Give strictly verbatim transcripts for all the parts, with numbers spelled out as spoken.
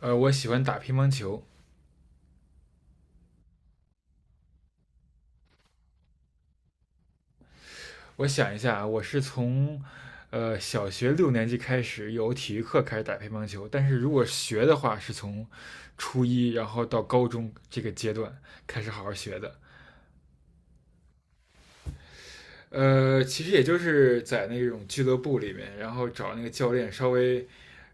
呃，我喜欢打乒乓球。我想一下啊，我是从呃小学六年级开始有体育课开始打乒乓球，但是如果学的话，是从初一然后到高中这个阶段开始好好学的。呃，其实也就是在那种俱乐部里面，然后找那个教练稍微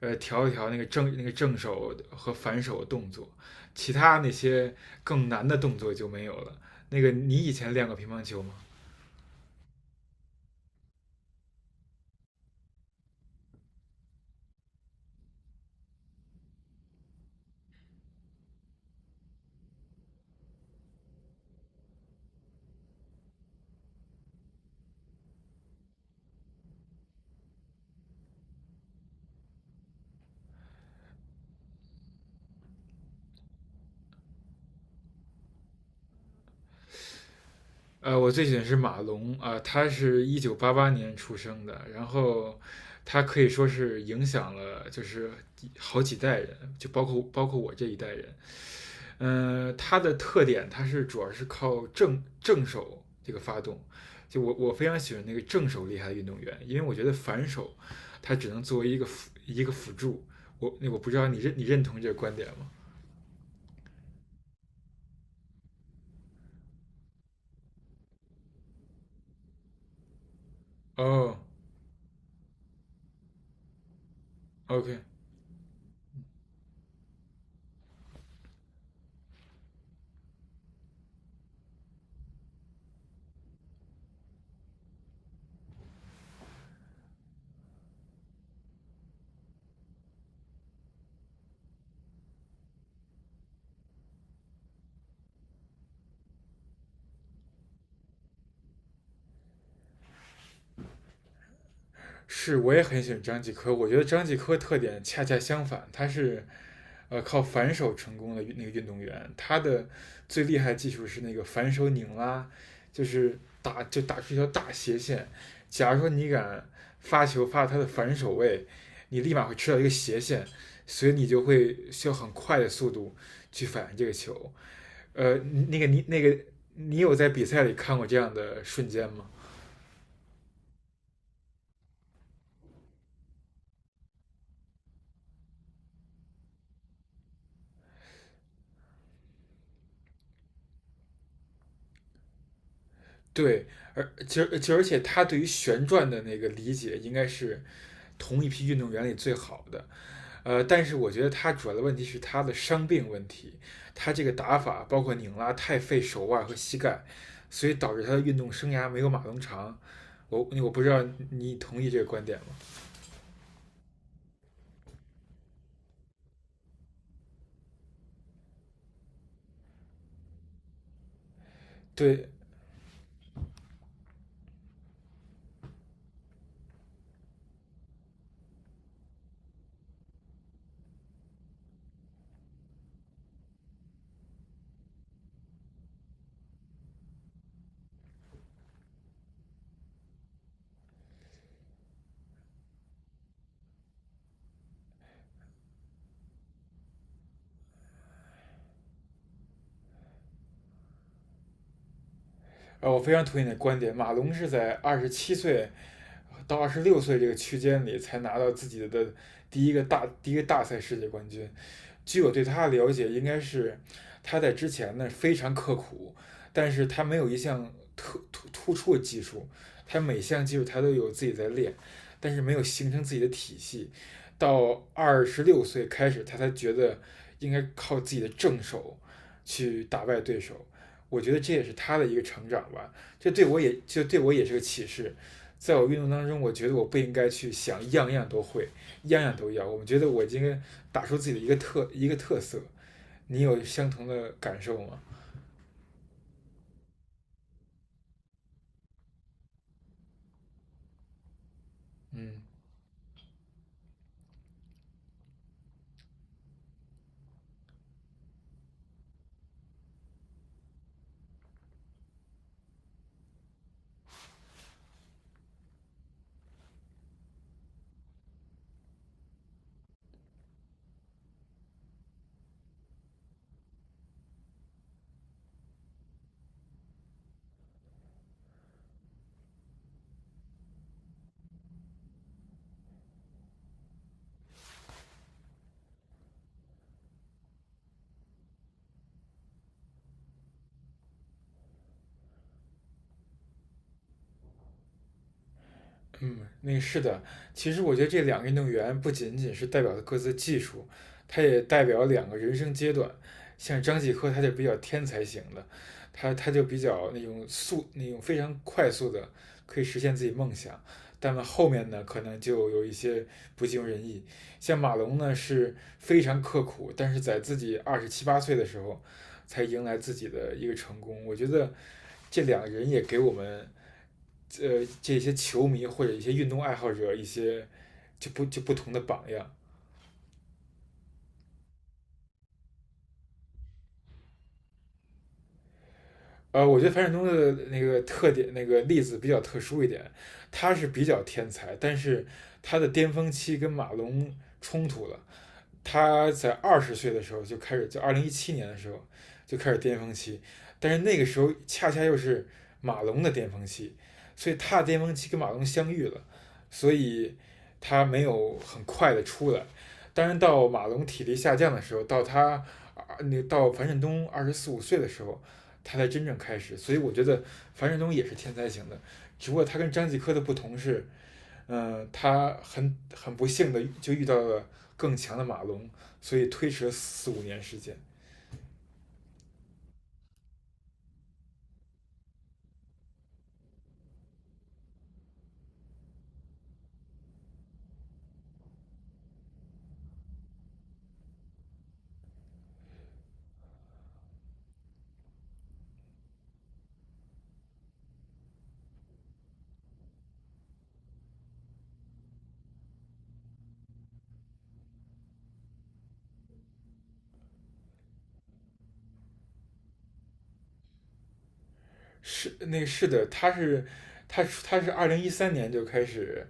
呃调一调那个正那个正手和反手的动作，其他那些更难的动作就没有了。那个你以前练过乒乓球吗？呃，我最喜欢是马龙啊、呃他是一九八八年出生的，然后他可以说是影响了就是好几代人，就包括包括我这一代人。嗯、呃他的特点他是主要是靠正正手这个发动，就我我非常喜欢那个正手厉害的运动员，因为我觉得反手他只能作为一个辅一个辅助。我那我不知道你认你认同这个观点吗？哦，OK，是，我也很喜欢张继科。我觉得张继科特点恰恰相反，他是呃靠反手成功的那个运动员。他的最厉害的技术是那个反手拧拉，就是打就打出一条大斜线。假如说你敢发球发他的反手位，你立马会吃到一个斜线，所以你就会需要很快的速度去反应这个球。呃，那个你那个你有在比赛里看过这样的瞬间吗？对，而其实其实而且他对于旋转的那个理解应该是同一批运动员里最好的。呃，但是我觉得他主要的问题是他的伤病问题，他这个打法包括拧拉太费手腕和膝盖，所以导致他的运动生涯没有马龙长。我我不知道你同意这个观点吗？对，呃，我非常同意你的观点。马龙是在二十七岁到二十六岁这个区间里才拿到自己的第一个大第一个大赛世界冠军。据我对他的了解，应该是他在之前呢非常刻苦，但是他没有一项特突突出的技术，他每项技术他都有自己在练，但是没有形成自己的体系。到二十六岁开始，他才觉得应该靠自己的正手去打败对手。我觉得这也是他的一个成长吧，这对我也就对我也是个启示。在我运动当中，我觉得我不应该去想样样都会，样样都要。我们觉得我今天打出自己的一个特一个特色，你有相同的感受吗？嗯，嗯，那是的。其实我觉得这两个运动员不仅仅是代表了各自的技术，他也代表了两个人生阶段。像张继科，他就比较天才型的，他他就比较那种速那种非常快速的可以实现自己梦想。但后面呢，可能就有一些不尽如人意。像马龙呢，是非常刻苦，但是在自己二十七八岁的时候，才迎来自己的一个成功。我觉得这两个人也给我们呃这些球迷或者一些运动爱好者一些就不就不同的榜样。呃，我觉得樊振东的那个特点那个例子比较特殊一点，他是比较天才，但是他的巅峰期跟马龙冲突了，他在二十岁的时候就开始，就二零一七年的时候就开始巅峰期，但是那个时候恰恰又是马龙的巅峰期，所以他的巅峰期跟马龙相遇了，所以他没有很快的出来。当然，到马龙体力下降的时候，到他啊，那到樊振东二十四五岁的时候，他才真正开始。所以我觉得樊振东也是天才型的，只不过他跟张继科的不同是，嗯、呃他很很不幸的就遇到了更强的马龙，所以推迟了四五年时间。是那个是的，他是他他是二零一三年就开始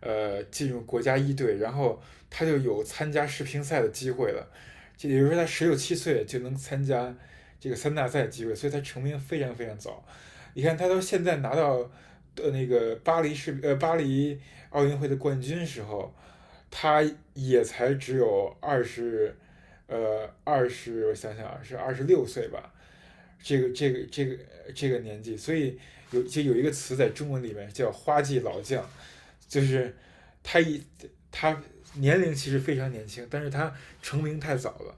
呃进入国家一队，然后他就有参加世乒赛的机会了，就也就是说他十六七岁就能参加这个三大赛的机会，所以他成名非常非常早。你看他到现在拿到呃那个巴黎世呃巴黎奥运会的冠军时候，他也才只有二十呃二十我想想啊是二十六岁吧。这个这个这个这个年纪，所以有就有一个词在中文里面叫"花季老将"，就是他一他年龄其实非常年轻，但是他成名太早了。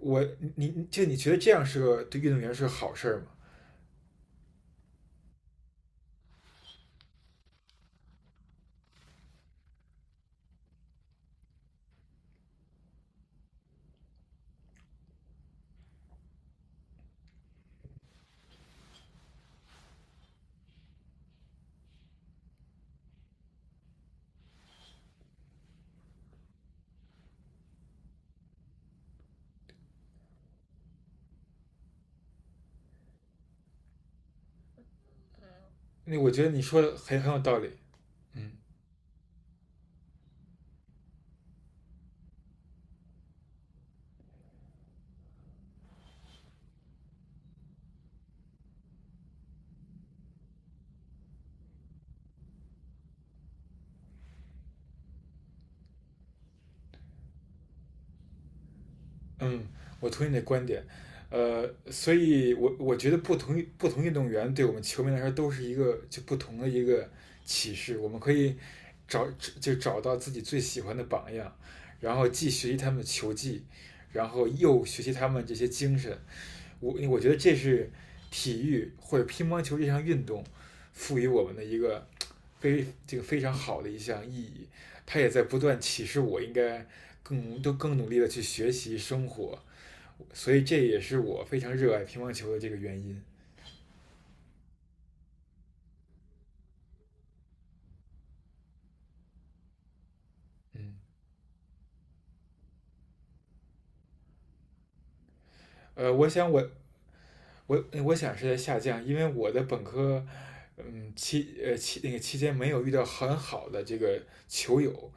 我你就你觉得这样是个对运动员是个好事儿吗？那我觉得你说的很很有道理。嗯，嗯，我同意你的观点，呃，所以我我觉得不同不同运动员对我们球迷来说都是一个就不同的一个启示，我们可以找就找到自己最喜欢的榜样，然后既学习他们的球技，然后又学习他们这些精神。我我觉得这是体育或者乒乓球这项运动赋予我们的一个非这个非常好的一项意义，它也在不断启示我应该更都更努力的去学习生活。所以这也是我非常热爱乒乓球的这个原因。嗯，呃，我想我我我想是在下降，因为我的本科，嗯期呃期那个期间没有遇到很好的这个球友，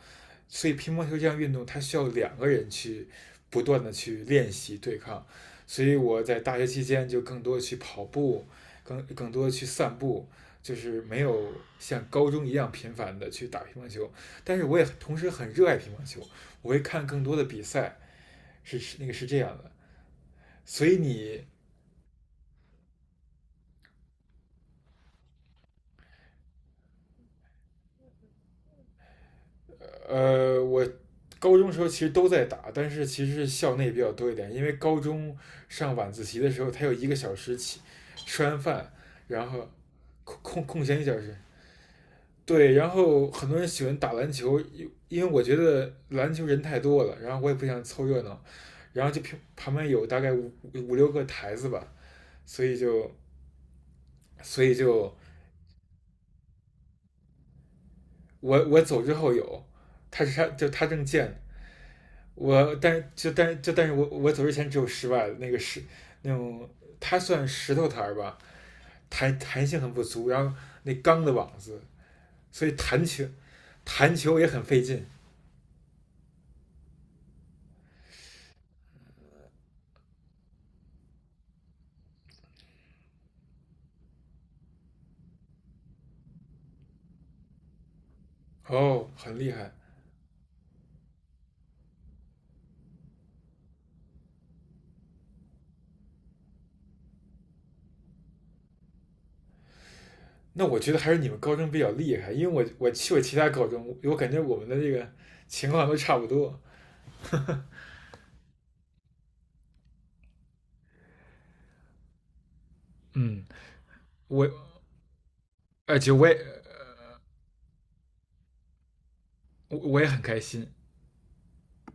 所以乒乓球这项运动它需要两个人去不断的去练习对抗，所以我在大学期间就更多去跑步，更更多去散步。就是没有像高中一样频繁的去打乒乓球，但是我也同时很热爱乒乓球，我会看更多的比赛，是是那个是这样的，所以你呃，我高中时候其实都在打，但是其实是校内比较多一点，因为高中上晚自习的时候，他有一个小时起，吃完饭，然后空空空闲一小时，对，然后很多人喜欢打篮球，因因为我觉得篮球人太多了，然后我也不想凑热闹，然后就旁旁边有大概五五六个台子吧，所以就所以就我我走之后有，他是他就他正建我但就但就但是我我走之前只有十万那个石那种，它算石头台儿吧，弹弹性很不足，然后那钢的网子，所以弹球弹球也很费劲。哦，很厉害。那我觉得还是你们高中比较厉害，因为我我去过其他高中，我感觉我们的这个情况都差不多。嗯，我而且我也我也很开心，